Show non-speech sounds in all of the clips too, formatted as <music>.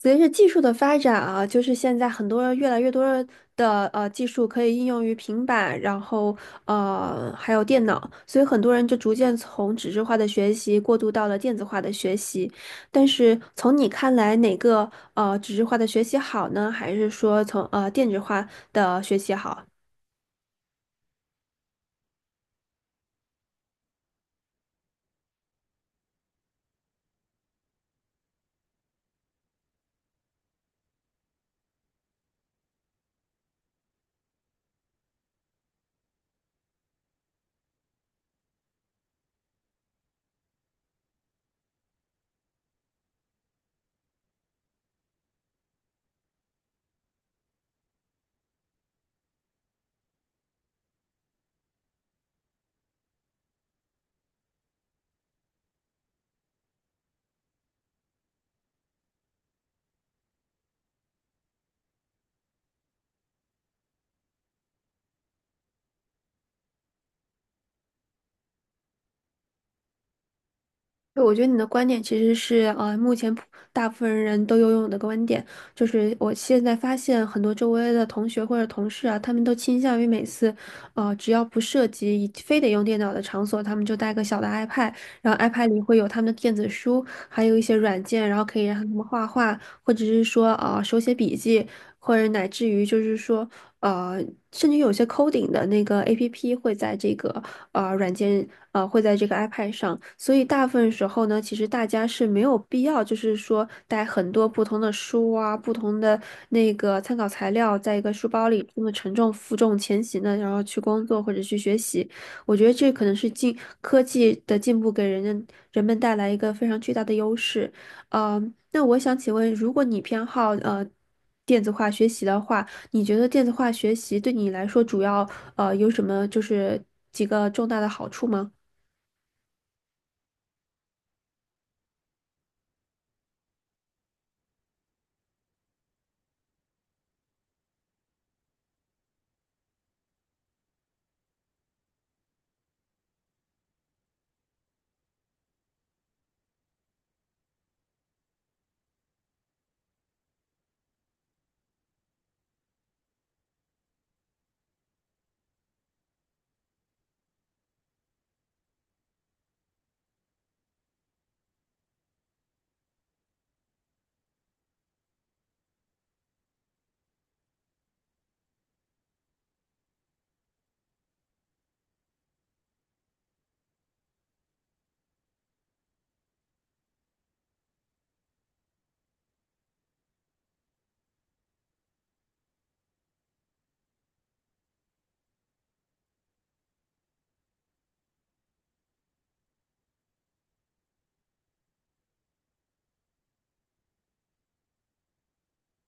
随着技术的发展啊，就是现在很多越来越多的技术可以应用于平板，然后还有电脑，所以很多人就逐渐从纸质化的学习过渡到了电子化的学习。但是从你看来，哪个纸质化的学习好呢？还是说从电子化的学习好？对，我觉得你的观点其实是，目前大部分人都拥有的观点，就是我现在发现很多周围的同学或者同事啊，他们都倾向于每次，只要不涉及一非得用电脑的场所，他们就带个小的 iPad，然后 iPad 里会有他们的电子书，还有一些软件，然后可以让他们画画，或者是说，手写笔记，或者乃至于就是说。呃，甚至有些 coding 的那个 APP 会在这个软件会在这个 iPad 上，所以大部分时候呢，其实大家是没有必要，就是说带很多不同的书啊、不同的那个参考材料在一个书包里这么沉重负重前行的，然后去工作或者去学习。我觉得这可能是科技的进步给人们带来一个非常巨大的优势。呃，那我想请问，如果你偏好电子化学习的话，你觉得电子化学习对你来说主要有什么就是几个重大的好处吗？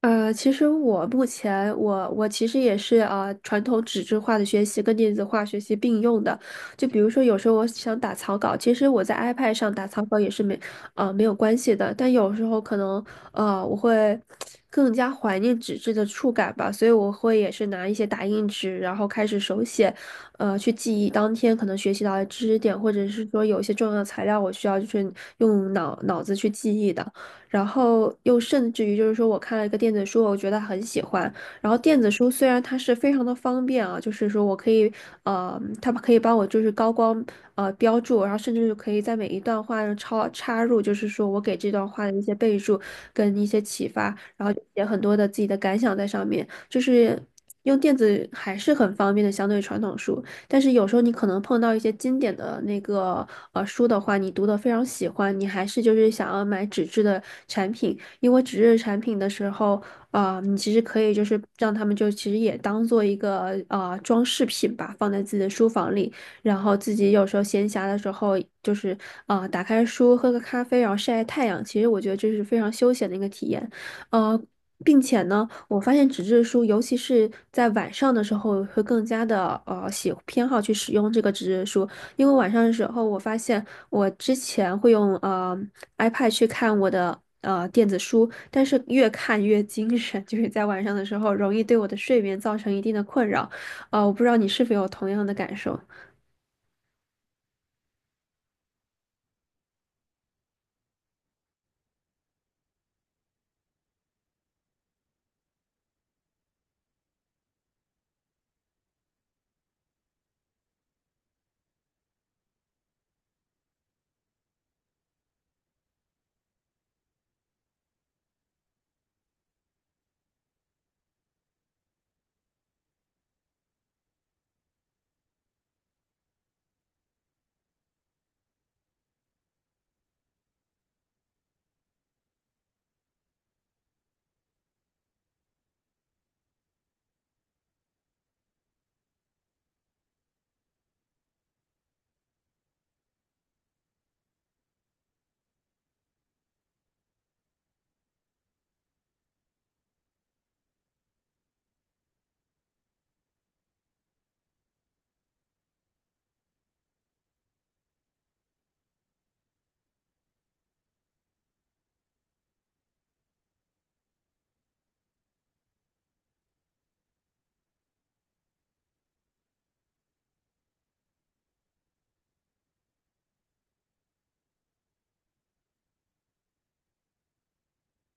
其实我目前我其实也是传统纸质化的学习跟电子化学习并用的。就比如说有时候我想打草稿，其实我在 iPad 上打草稿也是没有关系的。但有时候可能我会更加怀念纸质的触感吧，所以我会也是拿一些打印纸，然后开始手写，去记忆当天可能学习到的知识点，或者是说有一些重要材料我需要就是用脑子去记忆的。然后又甚至于就是说我看了一个电子书，我觉得很喜欢。然后电子书虽然它是非常的方便啊，就是说我可以它可以帮我就是高光标注，然后甚至是可以在每一段话上插入，就是说我给这段话的一些备注跟一些启发，然后就写很多的自己的感想在上面，就是。用电子还是很方便的，相对于传统书。但是有时候你可能碰到一些经典的那个书的话，你读的非常喜欢，你还是就是想要买纸质的产品，因为纸质产品的时候，啊、你其实可以就是让他们就其实也当做一个装饰品吧，放在自己的书房里，然后自己有时候闲暇的时候，就是啊、打开书喝个咖啡，然后晒晒太阳，其实我觉得这是非常休闲的一个体验。呃，并且呢，我发现纸质书，尤其是在晚上的时候，会更加的偏好去使用这个纸质书，因为晚上的时候，我发现我之前会用iPad 去看我的电子书，但是越看越精神，就是在晚上的时候容易对我的睡眠造成一定的困扰，我不知道你是否有同样的感受。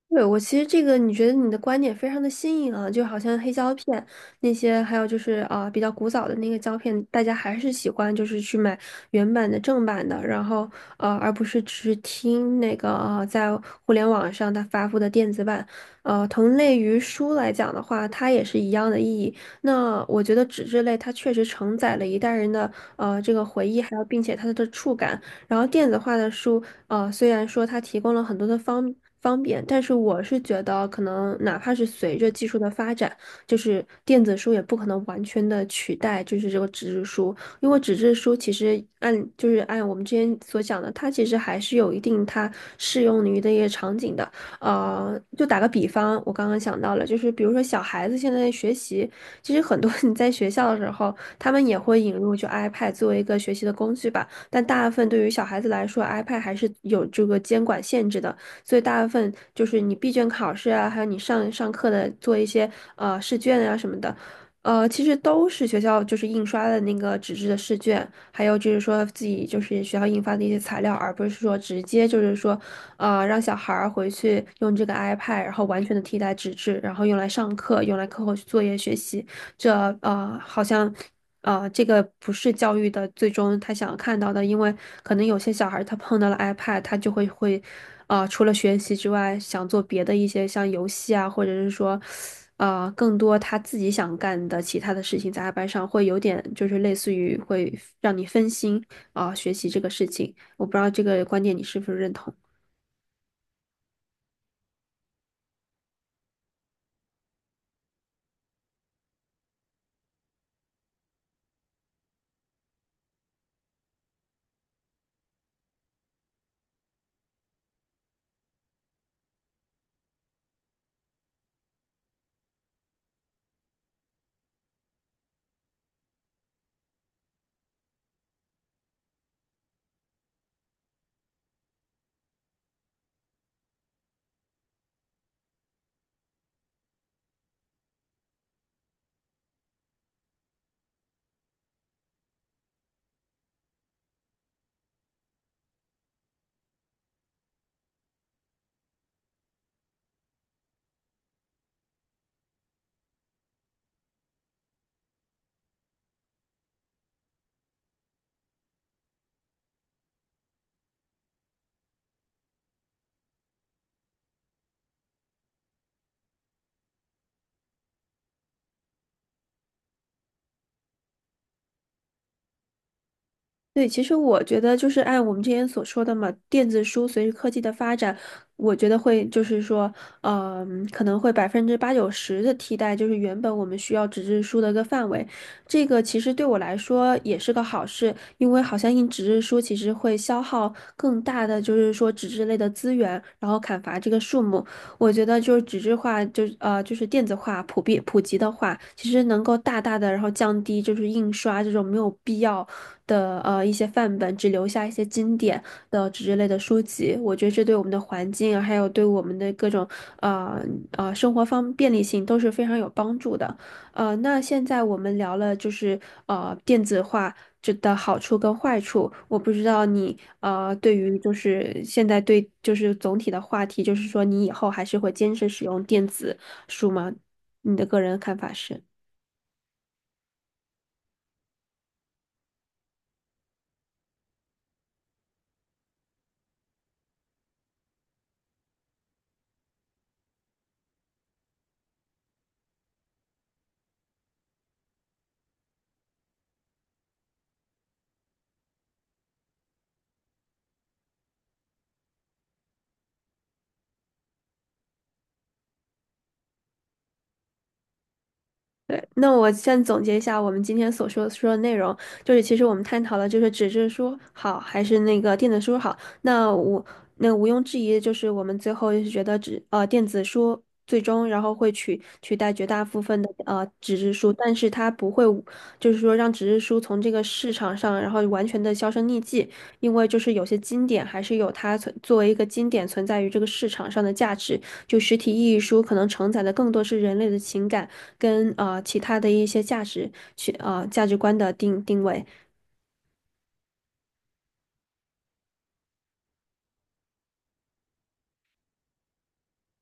对，我其实这个，你觉得你的观点非常的新颖啊，就好像黑胶片那些，还有就是啊、比较古早的那个胶片，大家还是喜欢就是去买原版的正版的，然后而不是只是听那个在互联网上它发布的电子版。同类于书来讲的话，它也是一样的意义。那我觉得纸质类它确实承载了一代人的这个回忆，还有并且它的触感。然后电子化的书。虽然说它提供了很多的方便，但是我是觉得，可能哪怕是随着技术的发展，就是电子书也不可能完全的取代，就是这个纸质书，因为纸质书其实按就是按我们之前所讲的，它其实还是有一定它适用于的一些场景的。就打个比方，我刚刚想到了，就是比如说小孩子现在学习，其实很多 <laughs> 你在学校的时候，他们也会引入就 iPad 作为一个学习的工具吧。但大部分对于小孩子来说，iPad 还是有这个监管限制的，所以大部分就是你闭卷考试啊，还有你上课的做一些试卷啊什么的，其实都是学校就是印刷的那个纸质的试卷，还有就是说自己就是学校印发的一些材料，而不是说直接就是说啊，让小孩儿回去用这个 iPad，然后完全的替代纸质，然后用来上课，用来课后作业学习。这好像这个不是教育的最终他想要看到的，因为可能有些小孩儿他碰到了 iPad，他就会啊，除了学习之外，想做别的一些像游戏啊，或者是说。更多他自己想干的其他的事情，在 iPad 上会有点，就是类似于会让你分心啊，学习这个事情。我不知道这个观点你是不是认同。对，其实我觉得就是按我们之前所说的嘛，电子书随着科技的发展，我觉得会就是说，嗯、可能会百分之八九十的替代，就是原本我们需要纸质书的一个范围。这个其实对我来说也是个好事，因为好像印纸质书其实会消耗更大的就是说纸质类的资源，然后砍伐这个树木。我觉得就是纸质化，就是就是电子化普及的话，其实能够大大的然后降低就是印刷这种没有必要。的一些范本，只留下一些经典的纸之类的书籍。我觉得这对我们的环境啊，还有对我们的各种呃生活便利性都是非常有帮助的。那现在我们聊了就是电子化。这的好处跟坏处，我不知道你对于就是现在对就是总体的话题，就是说你以后还是会坚持使用电子书吗？你的个人看法是？对，那我先总结一下我们今天所说的内容，就是其实我们探讨了就是纸质书好还是那个电子书好。那我那毋庸置疑，就是我们最后是觉得电子书最终然后会取代绝大部分的纸质书，但是它不会就是说让纸质书从这个市场上然后完全的销声匿迹，因为就是有些经典还是有它存作为一个经典存在于这个市场上的价值。就实体意义书可能承载的更多是人类的情感。跟其他的一些价值去价值观的定位。